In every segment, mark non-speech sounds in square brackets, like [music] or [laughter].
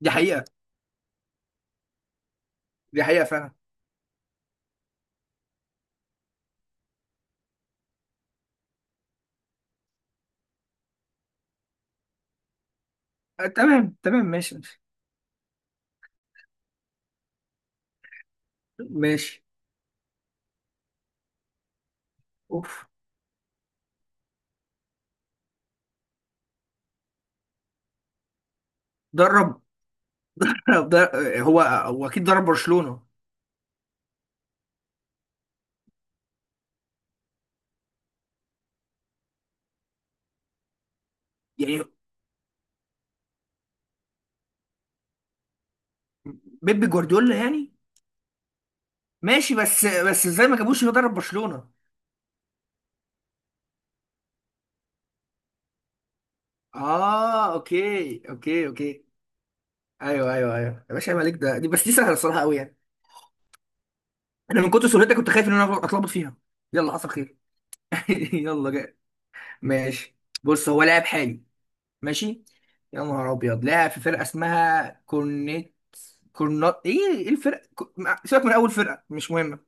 دي حقيقة دي حقيقة فعلا. تمام تمام ماشي. ماشي. اوف. درب. [laughs] هو اكيد درب برشلونة. يعني بيب جوارديولا يعني. ماشي. بس ازاي ما جابوش؟ هو درب برشلونة. اه، اوكي اوكي اوكي. ايوه ايوه ايوه يا باشا، عيب عليك. ده دي بس دي سهلة الصراحة قوي يعني. انا من كتر سهولتها كنت خايف ان انا اتلخبط فيها. يلا، حصل خير. [laughs] يلا جاي. ماشي. بص، هو لاعب حالي. ماشي. يا نهار ابيض! لاعب في فرقة اسمها كورنيت، كورنا، ايه؟ ايه الفرق؟ سيبك من اول فرقه، مش مهمه.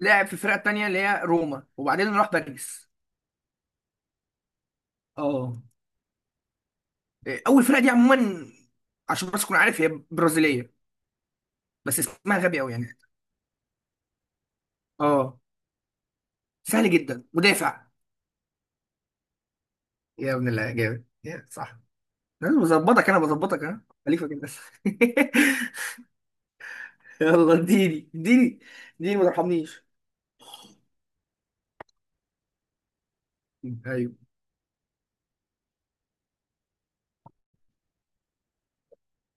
لعب في الفرقه التانيه اللي هي روما وبعدين راح باريس. اه. إيه، اول فرقه دي عموما عشان بس تكون عارف هي برازيليه، بس اسمها غبي قوي يعني. اه، سهل جدا. مدافع. يا ابن الله جامد. يا صح. انا بظبطك انا خليفه كده بس. [laughs] يلا اديني اديني اديني، ما ترحمنيش. ايوه.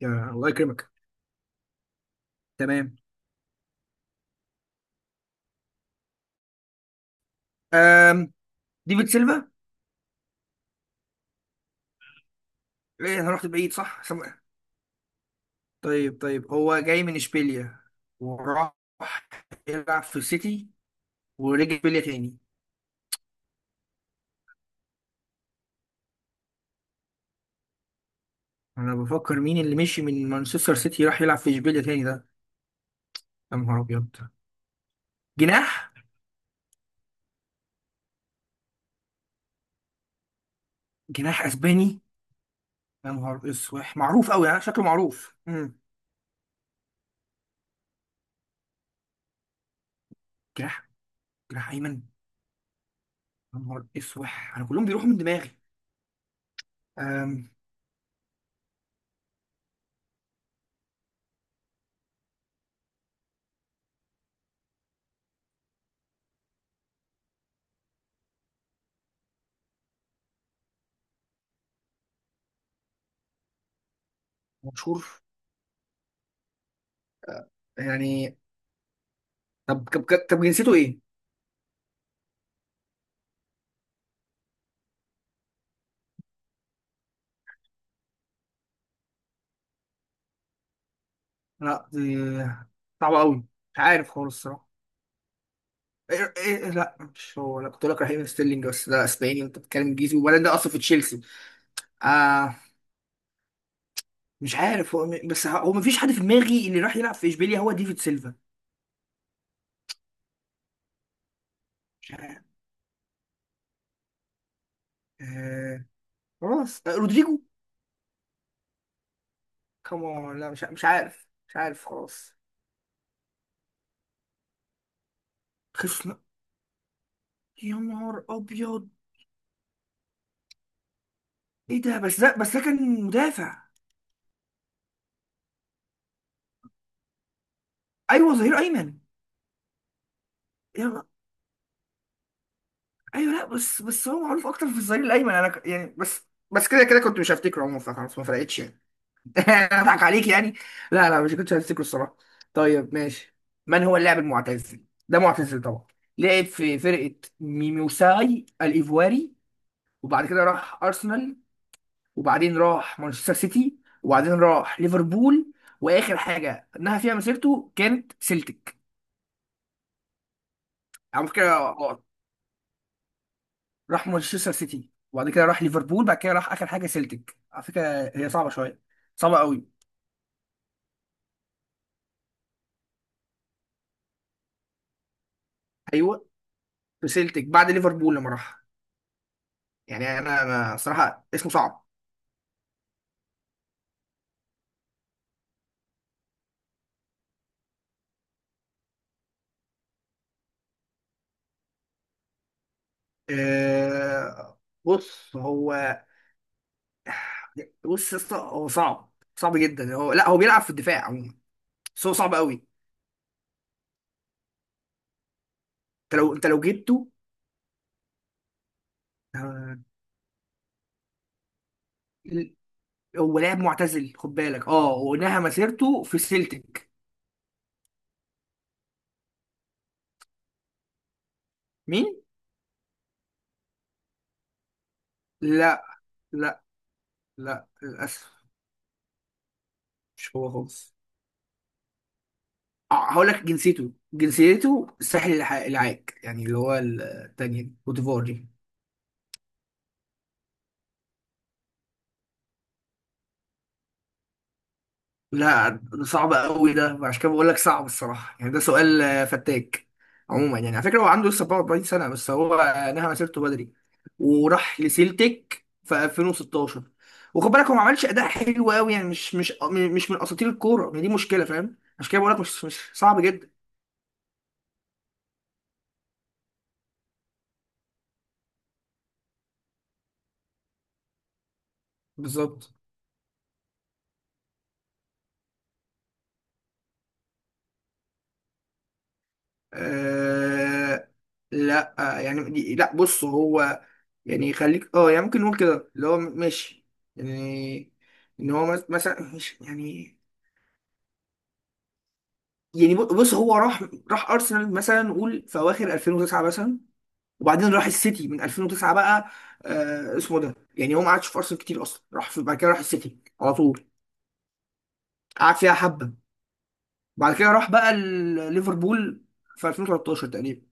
يا الله يكرمك. تمام. أم. ديفيد سيلفا. ايه، انا رحت بعيد صح. طيب طيب، هو جاي من اشبيليا وراح يلعب في سيتي ورجع اشبيليا تاني. انا بفكر مين اللي مشي من مانشستر سيتي راح يلعب في اشبيليا تاني ده. يا نهار ابيض! جناح. جناح اسباني. يا نهار اسوح، معروف قوي يعني، شكله معروف. جناح، جناح ايمن. يا نهار اسوح، انا كلهم بيروحوا من دماغي. أم. مشهور يعني. طب طب طب، جنسيته ايه؟ لا، دي صعبة قوي. مش عارف خالص الصراحة. إيه إيه إيه، لا مش هو. انا كنت بقول لك رحيم ستيرلينج، بس ده اسباني انت بتتكلم انجليزي، وبعدين ده اصلا في تشيلسي. آه مش عارف هو هو مفيش حد في دماغي اللي راح يلعب في اشبيليا هو ديفيد سيلفا. مش عارف. آه، خلاص. رودريجو كمان. لا مش عارف خلاص. خسنا. يا نهار ابيض. ايه ده، بس ده بس ده كان مدافع. ايوه، ظهير ايمن. يلا. ايوه، لا، بس هو معروف اكتر في الظهير الايمن، انا يعني بس كده كنت مش هفتكره عموما، فخلاص ما فرقتش يعني. [laughs] اضحك عليك يعني. لا لا، مش كنتش هفتكره الصراحه. طيب ماشي. من هو اللاعب المعتزل ده؟ معتزل طبعا. لعب في فرقه ميموساي الايفواري، وبعد كده راح ارسنال، وبعدين راح مانشستر سيتي، وبعدين راح ليفربول، واخر حاجه انها فيها مسيرته كانت سيلتيك. على فكره، راح مانشستر سيتي وبعد كده راح ليفربول، بعد كده راح اخر حاجه سيلتيك على فكره. هي صعبه شويه، صعبه قوي. ايوه، في سيلتيك بعد ليفربول لما راح. يعني انا ما صراحه اسمه صعب. أه، بص هو بص يا اسطى، هو صعب صعب جدا. لا هو بيلعب في الدفاع عموما، بس هو صعب قوي. انت لو جبته. آه، هو لاعب معتزل خد بالك، اه، وانها مسيرته في سيلتيك. مين؟ لا لا لا، للاسف مش هو خالص. هقول لك جنسيته. الساحل العاج، يعني اللي هو التانية كوت ديفوار دي. لا، ده صعب قوي ده، عشان كده بقول لك صعب الصراحه يعني. ده سؤال فتاك. عموما يعني، على فكره هو عنده لسه 44 سنه، بس هو نهى مسيرته بدري وراح لسيلتيك في 2016. وخد بالك هو ما عملش اداء حلو قوي يعني، مش من اساطير الكوره، ما دي مشكله فاهم، عشان كده بقول لك مش صعب جدا. بالظبط. آه لا، يعني دي، لا بص هو. يعني خليك اه يعني، ممكن نقول كده اللي هو ماشي يعني، ان هو مثلا مش يعني. يعني بص هو راح ارسنال مثلا نقول في اواخر 2009 مثلا، وبعدين راح السيتي من 2009 بقى. اسمه ده يعني. هو ما قعدش في ارسنال كتير اصلا، راح في بعد كده راح السيتي على طول، قعد فيها حبه، بعد كده راح بقى ليفربول في 2013 تقريبا.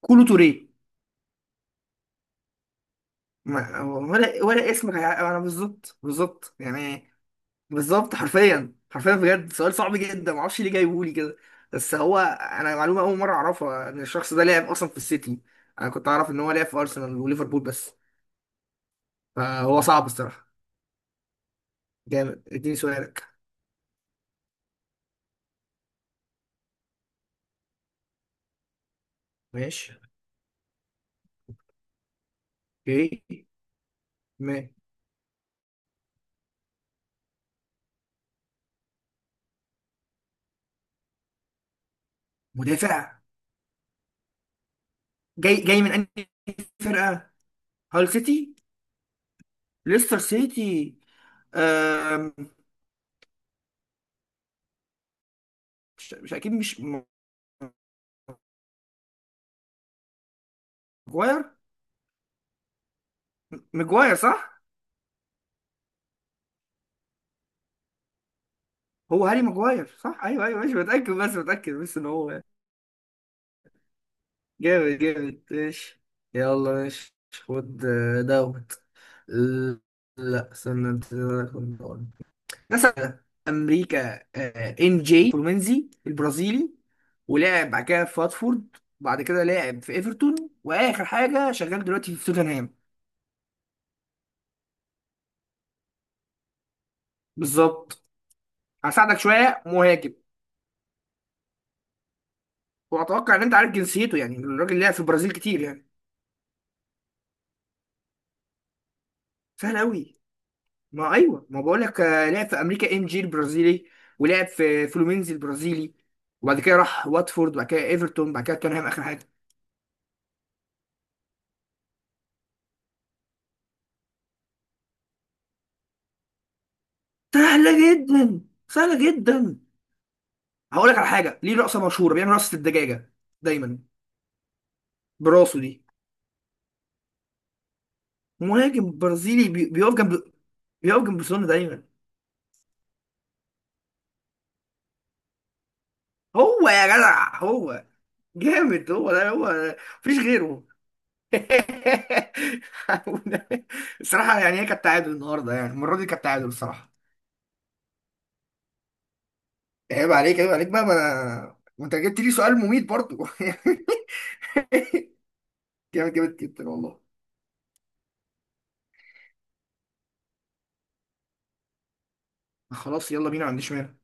كولو توريه. ولا اسمك انا بالظبط. بالظبط يعني، بالظبط حرفيا حرفيا بجد، سؤال صعب جدا ما اعرفش ليه جايبهولي كده. بس هو انا معلومه اول مره اعرفها ان الشخص ده لعب اصلا في السيتي. انا كنت اعرف ان هو لعب في ارسنال وليفربول بس، فهو صعب الصراحه. جامد. اديني سؤالك. ماشي. اوكي. ما- مدافع. جاي من انهي فرقه؟ هال سيتي. ليستر سيتي. أم... مش اكيد مش م- ماجواير. ماجواير صح. هو هاري ماجواير صح. ايوه ايوه ماشي. بتاكد بس ان هو جامد. جامد ماشي. يلا ماشي. خد دوت ال- لا استنى انت، خد دوت. مثلا امريكا ان جي كرومنزي البرازيلي، ولعب بعد كده في واتفورد، بعد كده لعب في ايفرتون، واخر حاجه شغال دلوقتي في توتنهام. بالظبط. هساعدك شويه، مهاجم. واتوقع ان انت عارف جنسيته يعني، الراجل لعب في البرازيل كتير يعني. سهل قوي. ما ايوه ما بقول لك، لعب في امريكا ام جي البرازيلي ولعب في فلومينز البرازيلي، وبعد كده راح واتفورد، وبعد كده ايفرتون، وبعد كده توتنهام اخر حاجه. سهله جدا، سهله جدا. هقول لك على حاجه، ليه رقصه مشهوره، بيعمل رقصه الدجاجه دايما براسه دي. مهاجم برازيلي، بيقف جنب سون دايما. هو! يا جدع هو. جامد، هو ده هو. مفيش غيره. [laughs] الصراحه يعني، هي كانت تعادل النهارده، يعني المره دي كانت تعادل الصراحه. عيب عليك، عيب عليك بقى، ما انت جبت لي سؤال مميت برضو. [laughs] جامد، جامد جدا والله. خلاص يلا بينا، ما عنديش مانع.